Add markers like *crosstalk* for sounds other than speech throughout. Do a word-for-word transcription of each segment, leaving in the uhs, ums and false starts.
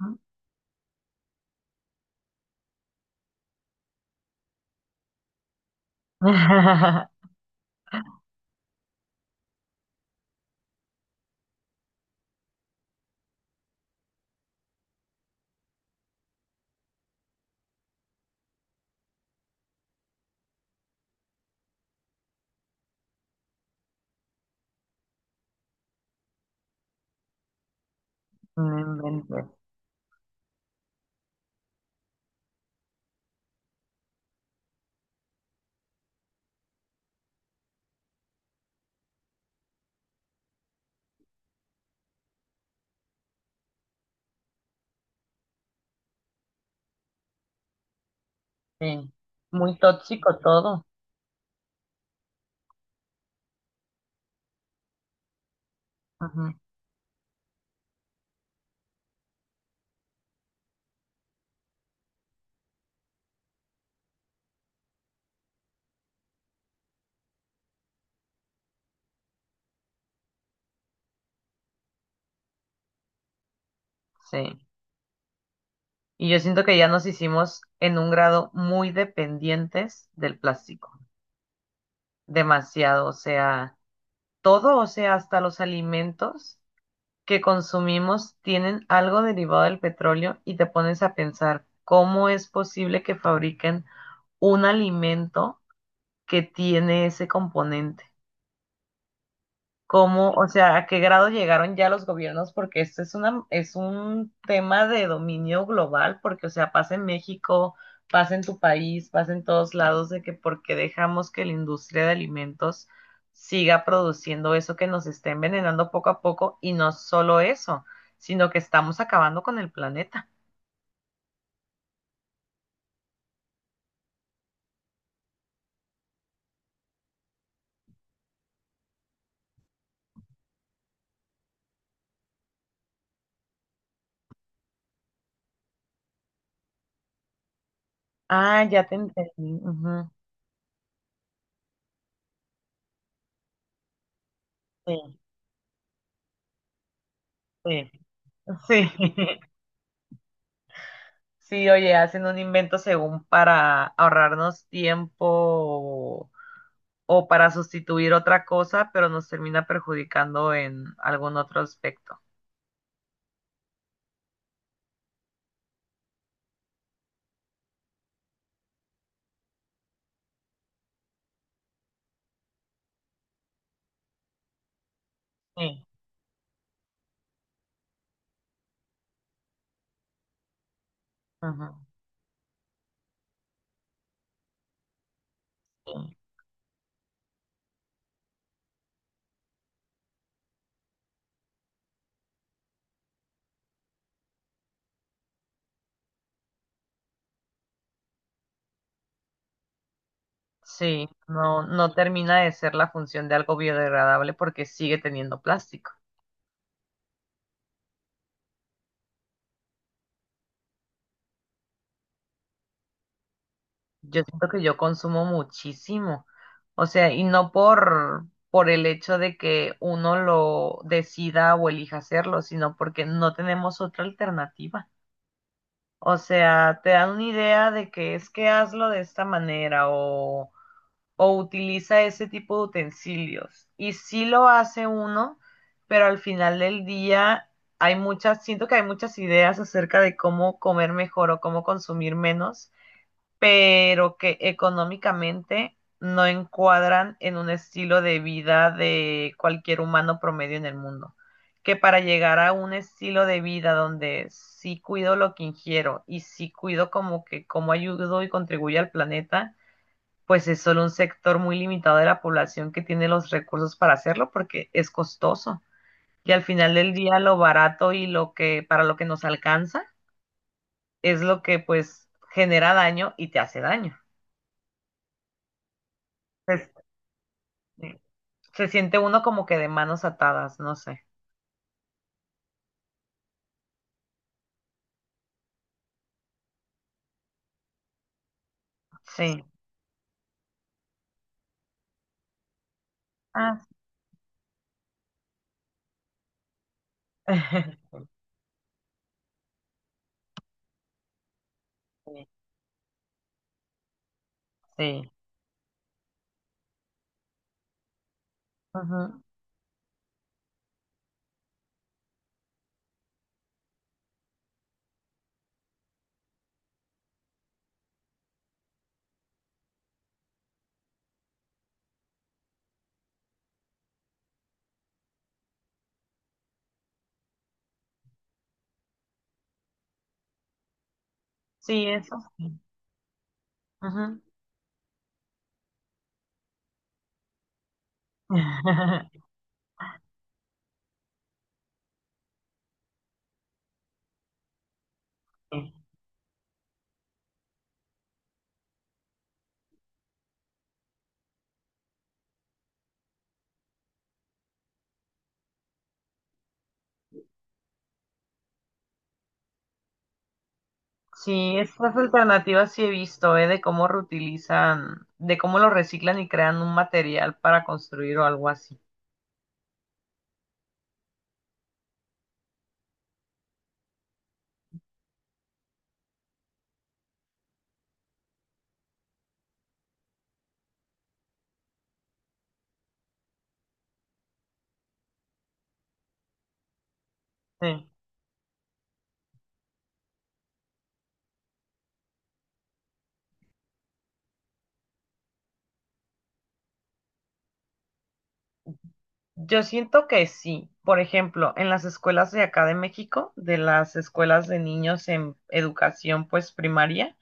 *laughs* No inventes. Sí. Muy tóxico todo. Ujú. Sí. Y yo siento que ya nos hicimos en un grado muy dependientes del plástico. Demasiado. O sea, todo, o sea, hasta los alimentos que consumimos tienen algo derivado del petróleo y te pones a pensar cómo es posible que fabriquen un alimento que tiene ese componente. Cómo, o sea, a qué grado llegaron ya los gobiernos, porque esto es una, es un tema de dominio global, porque, o sea, pasa en México, pasa en tu país, pasa en todos lados, de que porque dejamos que la industria de alimentos siga produciendo eso que nos está envenenando poco a poco, y no solo eso, sino que estamos acabando con el planeta. Ah, ya te entendí. Ujú. Sí, sí, sí. *laughs* Sí, oye, hacen un invento según para ahorrarnos tiempo o para sustituir otra cosa, pero nos termina perjudicando en algún otro aspecto. Sí, ujú, sí. Sí, no, no termina de ser la función de algo biodegradable porque sigue teniendo plástico. Yo siento que yo consumo muchísimo, o sea, y no por, por el hecho de que uno lo decida o elija hacerlo, sino porque no tenemos otra alternativa. O sea, te dan una idea de que es que hazlo de esta manera o o utiliza ese tipo de utensilios. Y sí lo hace uno, pero al final del día hay muchas, siento que hay muchas ideas acerca de cómo comer mejor o cómo consumir menos, pero que económicamente no encuadran en un estilo de vida de cualquier humano promedio en el mundo. Que para llegar a un estilo de vida donde sí cuido lo que ingiero y sí cuido como que cómo ayudo y contribuyo al planeta, pues es solo un sector muy limitado de la población que tiene los recursos para hacerlo porque es costoso. Y al final del día lo barato y lo que para lo que nos alcanza es lo que pues genera daño y te hace daño. Es, se siente uno como que de manos atadas, no sé. Sí. Ah, *laughs* sí. Sí. Ujú. Sí, eso sí. Ujú. *laughs* Sí, estas alternativas sí he visto, ¿eh? De cómo reutilizan, de cómo lo reciclan y crean un material para construir o algo así. Sí. Yo siento que sí. Por ejemplo, en las escuelas de acá de México, de las escuelas de niños en educación pues primaria,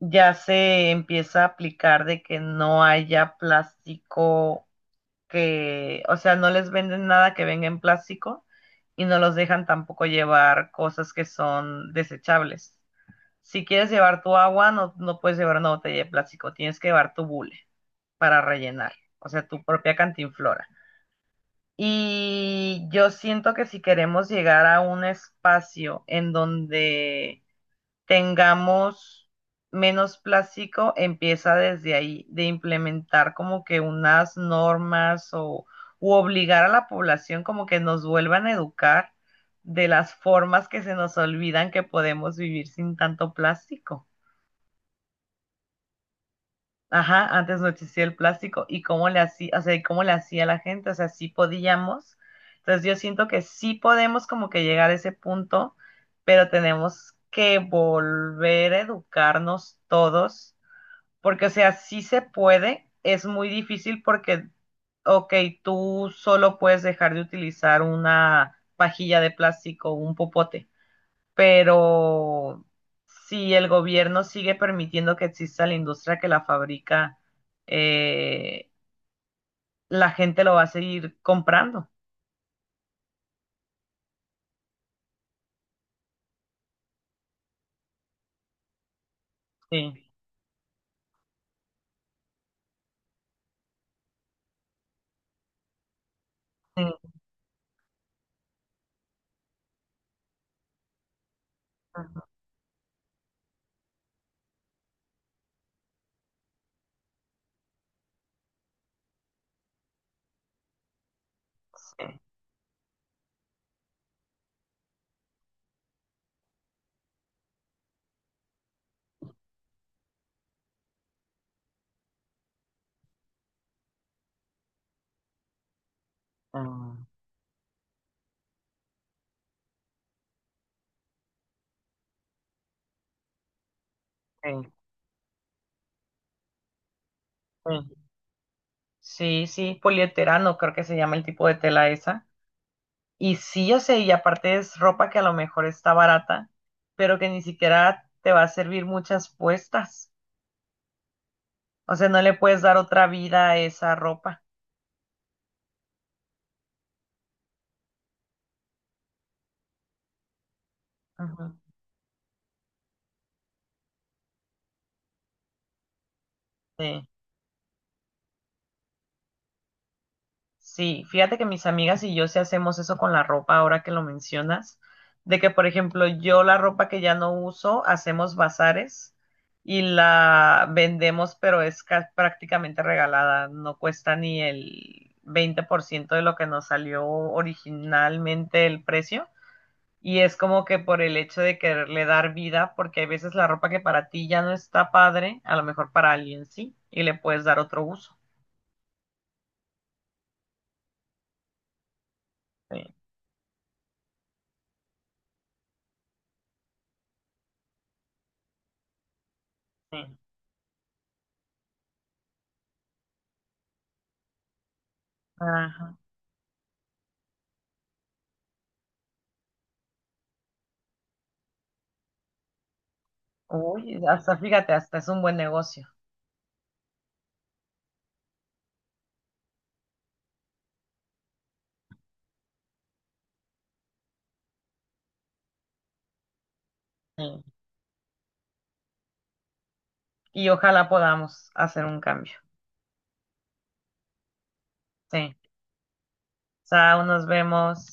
ya se empieza a aplicar de que no haya plástico que, o sea, no les venden nada que venga en plástico y no los dejan tampoco llevar cosas que son desechables. Si quieres llevar tu agua, no, no puedes llevar una botella de plástico, tienes que llevar tu bule para rellenar, o sea, tu propia cantinflora. Y yo siento que si queremos llegar a un espacio en donde tengamos menos plástico, empieza desde ahí, de implementar como que unas normas o u obligar a la población como que nos vuelvan a educar de las formas que se nos olvidan que podemos vivir sin tanto plástico. Ajá, antes no existía el plástico y cómo le hacía, o sea, y cómo le hacía la gente, o sea, sí podíamos. Entonces yo siento que sí podemos como que llegar a ese punto, pero tenemos que volver a educarnos todos, porque o sea, sí se puede, es muy difícil porque, ok, tú solo puedes dejar de utilizar una pajilla de plástico, un popote, pero si el gobierno sigue permitiendo que exista la industria que la fabrica, eh, la gente lo va a seguir comprando. Sí, sí, ajá, sí, ah, sí, sí. Sí, sí, polieterano, creo que se llama el tipo de tela esa. Y sí, yo sé, y aparte es ropa que a lo mejor está barata, pero que ni siquiera te va a servir muchas puestas. O sea, no le puedes dar otra vida a esa ropa. Ujú. Sí. Sí, fíjate que mis amigas y yo sí hacemos eso con la ropa ahora que lo mencionas, de que por ejemplo yo la ropa que ya no uso hacemos bazares y la vendemos, pero es ca- prácticamente regalada, no cuesta ni el veinte por ciento de lo que nos salió originalmente el precio. Y es como que por el hecho de quererle dar vida, porque hay veces la ropa que para ti ya no está padre, a lo mejor para alguien sí, y le puedes dar otro uso. Sí, sí. Oye, hasta fíjate, hasta es un buen negocio. Sí. Y ojalá podamos hacer un cambio. Sí. Chao, nos vemos.